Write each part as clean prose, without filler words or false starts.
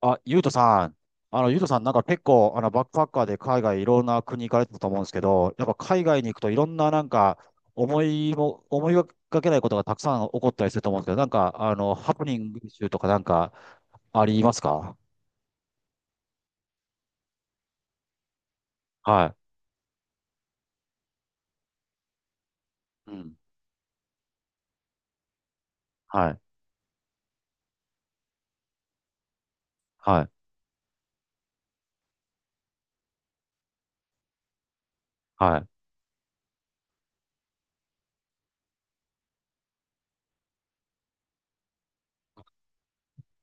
あ、ゆうとさん。ゆうとさん、結構、バックパッカーで海外いろんな国行かれてたと思うんですけど、やっぱ海外に行くといろんな思いがけないことがたくさん起こったりすると思うんですけど、ハプニング集とかありますか？はい。うん。はい。はい。はい。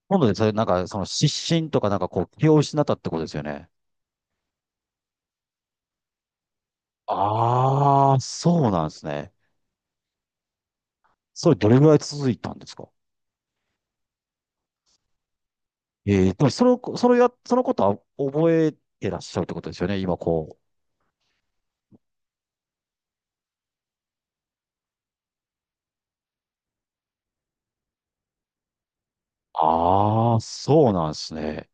今度でそれ、その失神とか気を失ったってことですよね。ああ、そうなんですね。それどれぐらい続いたんですか？ええ、でもその、そのや、そのことは覚えてらっしゃるってことですよね、今こう。ああ、そうなんですね。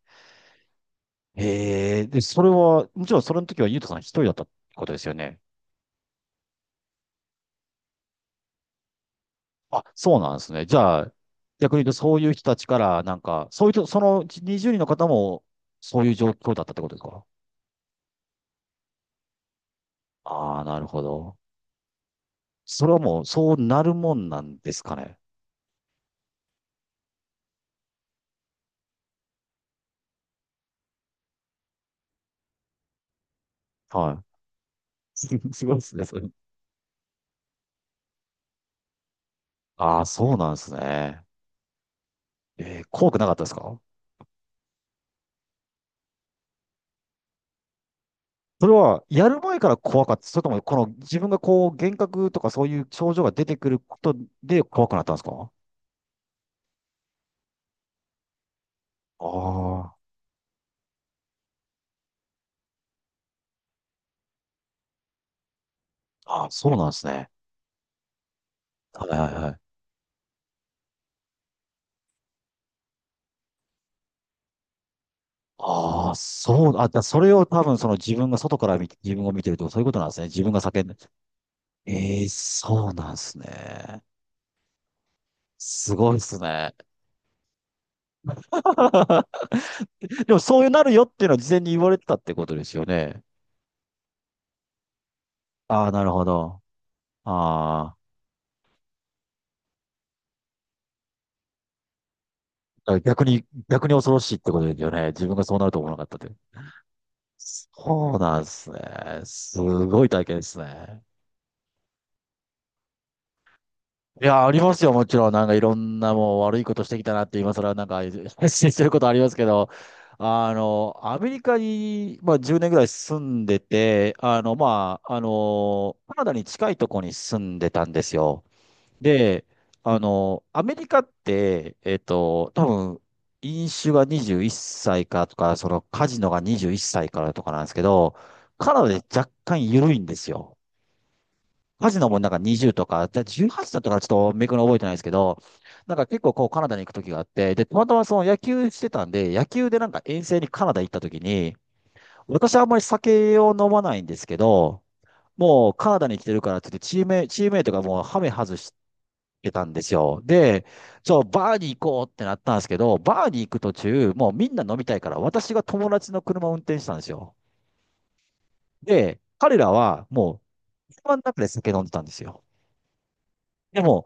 ええ、で、それは、もちろんそれの時はゆうとさん一人だったってことですよね。あ、そうなんですね。じゃあ、逆に言うとそういう人たちから、なんか、そういう人、その20人の方も、そういう状況だったってことですか？ああー、なるほど。それはもう、そうなるもんなんですかね。はい。すごいですね、それ。ああ、そうなんですね。えー、怖くなかったですか？それは、やる前から怖かった。それとも、この自分がこう、幻覚とかそういう症状が出てくることで怖くなったんですか？ああ、そうなんですね。はいはいはい。ああ、それを多分その自分が外から見て、自分を見てるとかそういうことなんですね。自分が叫んで。ええ、そうなんですね。すごいですね。でもそういうなるよっていうのは事前に言われてたってことですよね。ああ、なるほど。ああ、だから逆に、逆に恐ろしいってことですよね。自分がそうなると思わなかったって。そうなんですね。すごい体験ですね。いや、ありますよ、もちろん。なんかいろんなもう悪いことしてきたなって、今更なんか 発信してることありますけど、アメリカに、まあ、10年ぐらい住んでて、カナダに近いとこに住んでたんですよ。で、アメリカって、多分、飲酒が21歳からとか、そのカジノが21歳からとかなんですけど、カナダで若干緩いんですよ。カジノもなんか20とか、で18だったからちょっとめくの覚えてないですけど、なんか結構こうカナダに行く時があって、で、たまたまその野球してたんで、野球でなんか遠征にカナダ行った時に、私はあんまり酒を飲まないんですけど、もうカナダに来てるからって言ってチームメイトがもうハメ外しけたんですよ。で、そう、バーに行こうってなったんですけど、バーに行く途中、もうみんな飲みたいから、私が友達の車を運転したんですよ。で、彼らはもう、車の中で酒飲んでたんですよ。でも、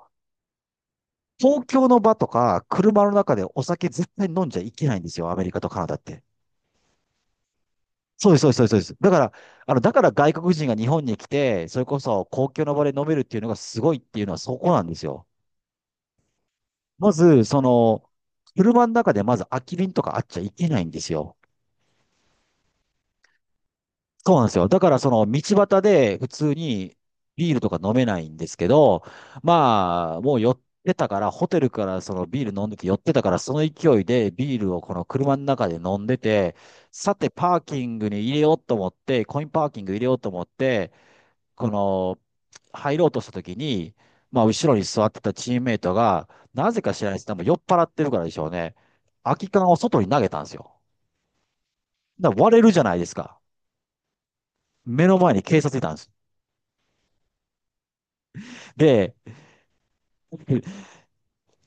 東京の場とか、車の中でお酒絶対飲んじゃいけないんですよ、アメリカとカナダって。そうです、そうです、そうです。そうです、だから、だから外国人が日本に来て、それこそ公共の場で飲めるっていうのがすごいっていうのはそこなんですよ。まず、その、車の中でまず空き瓶とかあっちゃいけないんですよ。そうなんですよ。だからその道端で普通にビールとか飲めないんですけど、まあ、もう寄ってたから、ホテルからそのビール飲んでて寄ってたから、その勢いでビールをこの車の中で飲んでて、さてパーキングに入れようと思って、コインパーキング入れようと思って、この入ろうとした時に、まあ後ろに座ってたチームメイトが、なぜか知らないですけど、多分酔っ払ってるからでしょうね。空き缶を外に投げたんですよ。だから割れるじゃないですか。目の前に警察いたんです。で、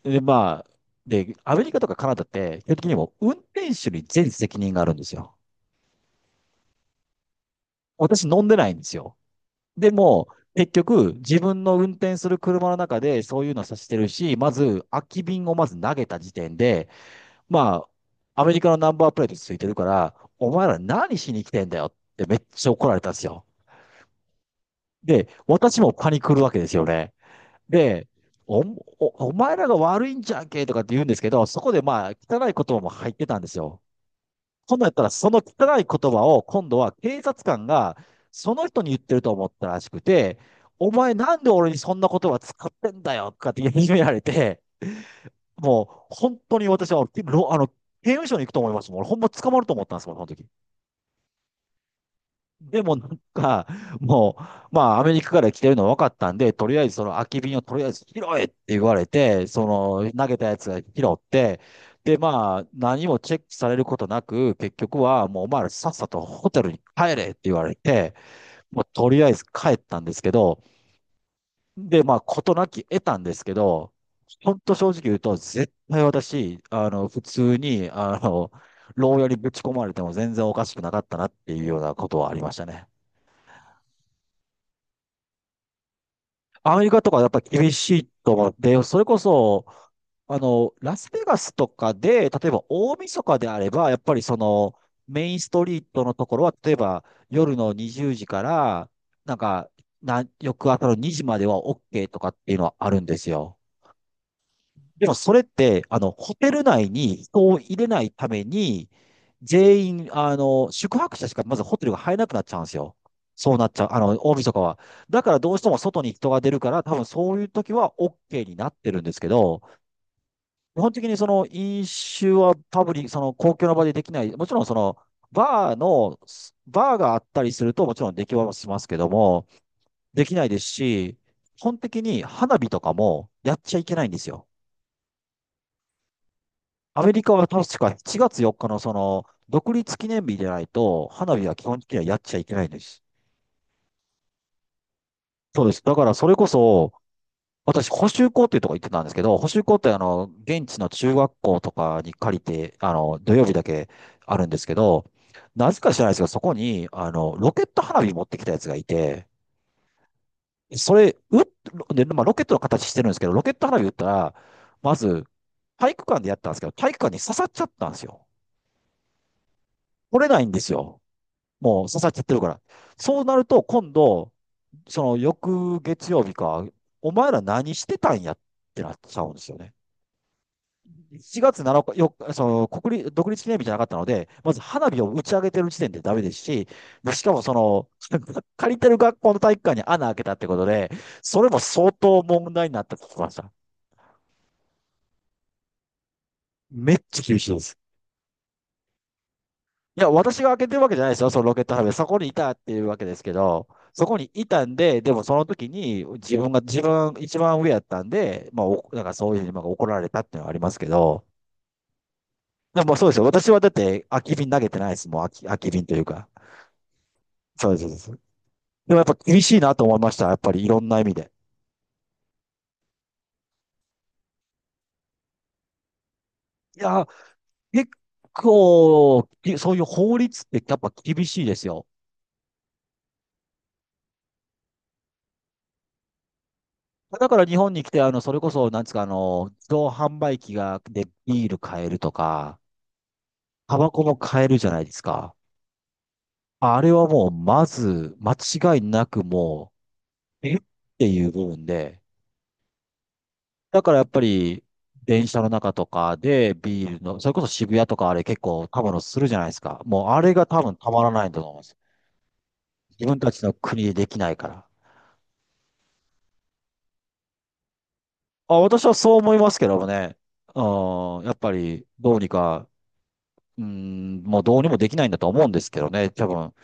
で、アメリカとかカナダって、基本的にもう運転手に全責任があるんですよ。私飲んでないんですよ。でも、結局、自分の運転する車の中でそういうのさせてるし、まず、空き瓶をまず投げた時点で、まあ、アメリカのナンバープレートついてるから、お前ら何しに来てんだよってめっちゃ怒られたんですよ。で、私もパニクるわけですよね。で、お、お前らが悪いんじゃんけとかって言うんですけど、そこでまあ、汚い言葉も入ってたんですよ。今度やったら、その汚い言葉を今度は警察官がその人に言ってると思ったらしくて、お前なんで俺にそんな言葉使ってんだよとかって言い始められて、も本当に私は、あの、刑務所に行くと思いますもん。俺ほんま捕まると思ったんですもん、その時。でもなんか、もう、まあ、アメリカから来てるの分かったんで、とりあえずその空き瓶をとりあえず拾えって言われて、その投げたやつが拾って、で、まあ、何もチェックされることなく、結局はもうお前らさっさとホテルに帰れって言われて、もうとりあえず帰ったんですけど、で、まあ、事なき得たんですけど、本当正直言うと、絶対私、あの、普通に、あの、牢屋にぶち込まれても全然おかしくなかったなっていうようなことはありましたね。アメリカとかやっぱ厳しいと思って、それこそ、ラスベガスとかで、例えば大晦日であれば、やっぱりその、メインストリートのところは、例えば夜の20時から、なんか、翌朝の2時までは OK とかっていうのはあるんですよ。でもそれって、ホテル内に人を入れないために、全員、あの、宿泊者しかまずホテルが入らなくなっちゃうんですよ。そうなっちゃう。あの、大晦日は。だからどうしても外に人が出るから、多分そういう時は OK になってるんですけど、基本的にその飲酒は多分その公共の場でできない。もちろんその、バーの、バーがあったりするともちろんできはしますけども、できないですし、基本的に花火とかもやっちゃいけないんですよ。アメリカは確か7月4日のその、独立記念日でないと、花火は基本的にはやっちゃいけないんです。そうです。だからそれこそ、私、補習校っていうとこ行ってたんですけど、補習校ってあの、現地の中学校とかに借りて、あの、土曜日だけあるんですけど、なぜか知らないですけど、そこに、ロケット花火持ってきたやつがいて、それ、うっ、で、まあ、ロケットの形してるんですけど、ロケット花火打ったら、まず、体育館でやったんですけど、体育館に刺さっちゃったんですよ。折れないんですよ。もう刺さっちゃってるから。そうなると、今度、その翌月曜日か、お前ら何してたんやってなっちゃうんですよね。4月7日、その国立、独立記念日じゃなかったので、まず花火を打ち上げてる時点でダメですし、でしかもその、借りてる学校の体育館に穴開けたってことで、それも相当問題になったと聞きました。めっちゃ厳しいです。いや、私が開けてるわけじゃないですよ、そのロケット花火。そこにいたっていうわけですけど、そこにいたんで、でもその時に自分一番上やったんで、まあ、なんかそういうふうにまあ怒られたっていうのはありますけど、でもそうですよ。私はだって空き瓶投げてないですもん。空き瓶というか。そうです、そうです。でもやっぱ厳しいなと思いました。やっぱりいろんな意味で。いや、結構、そういう法律ってやっぱ厳しいですよ。だから日本に来て、あの、それこそ、なんですか、あの、自動販売機が、で、ビール買えるとか、タバコも買えるじゃないですか。あれはもう、まず、間違いなくもう、えっていう部分で。だからやっぱり、電車の中とかでビールの、それこそ渋谷とかあれ結構たまのするじゃないですか。もうあれが多分たまらないんだと思います。自分たちの国でできないから。あ、私はそう思いますけどもね。うん、やっぱり、どうにか、うん、もうどうにもできないんだと思うんですけどね。多分、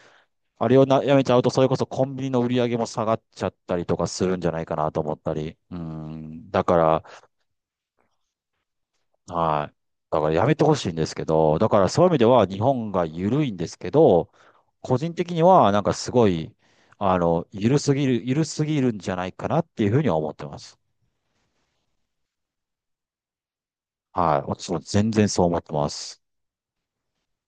あれをな、やめちゃうと、それこそコンビニの売り上げも下がっちゃったりとかするんじゃないかなと思ったり。うん。だから、はい。だからやめてほしいんですけど、だからそういう意味では日本が緩いんですけど、個人的にはなんかすごい、緩すぎるんじゃないかなっていうふうには思ってます。はい。私も全然そう思ってます。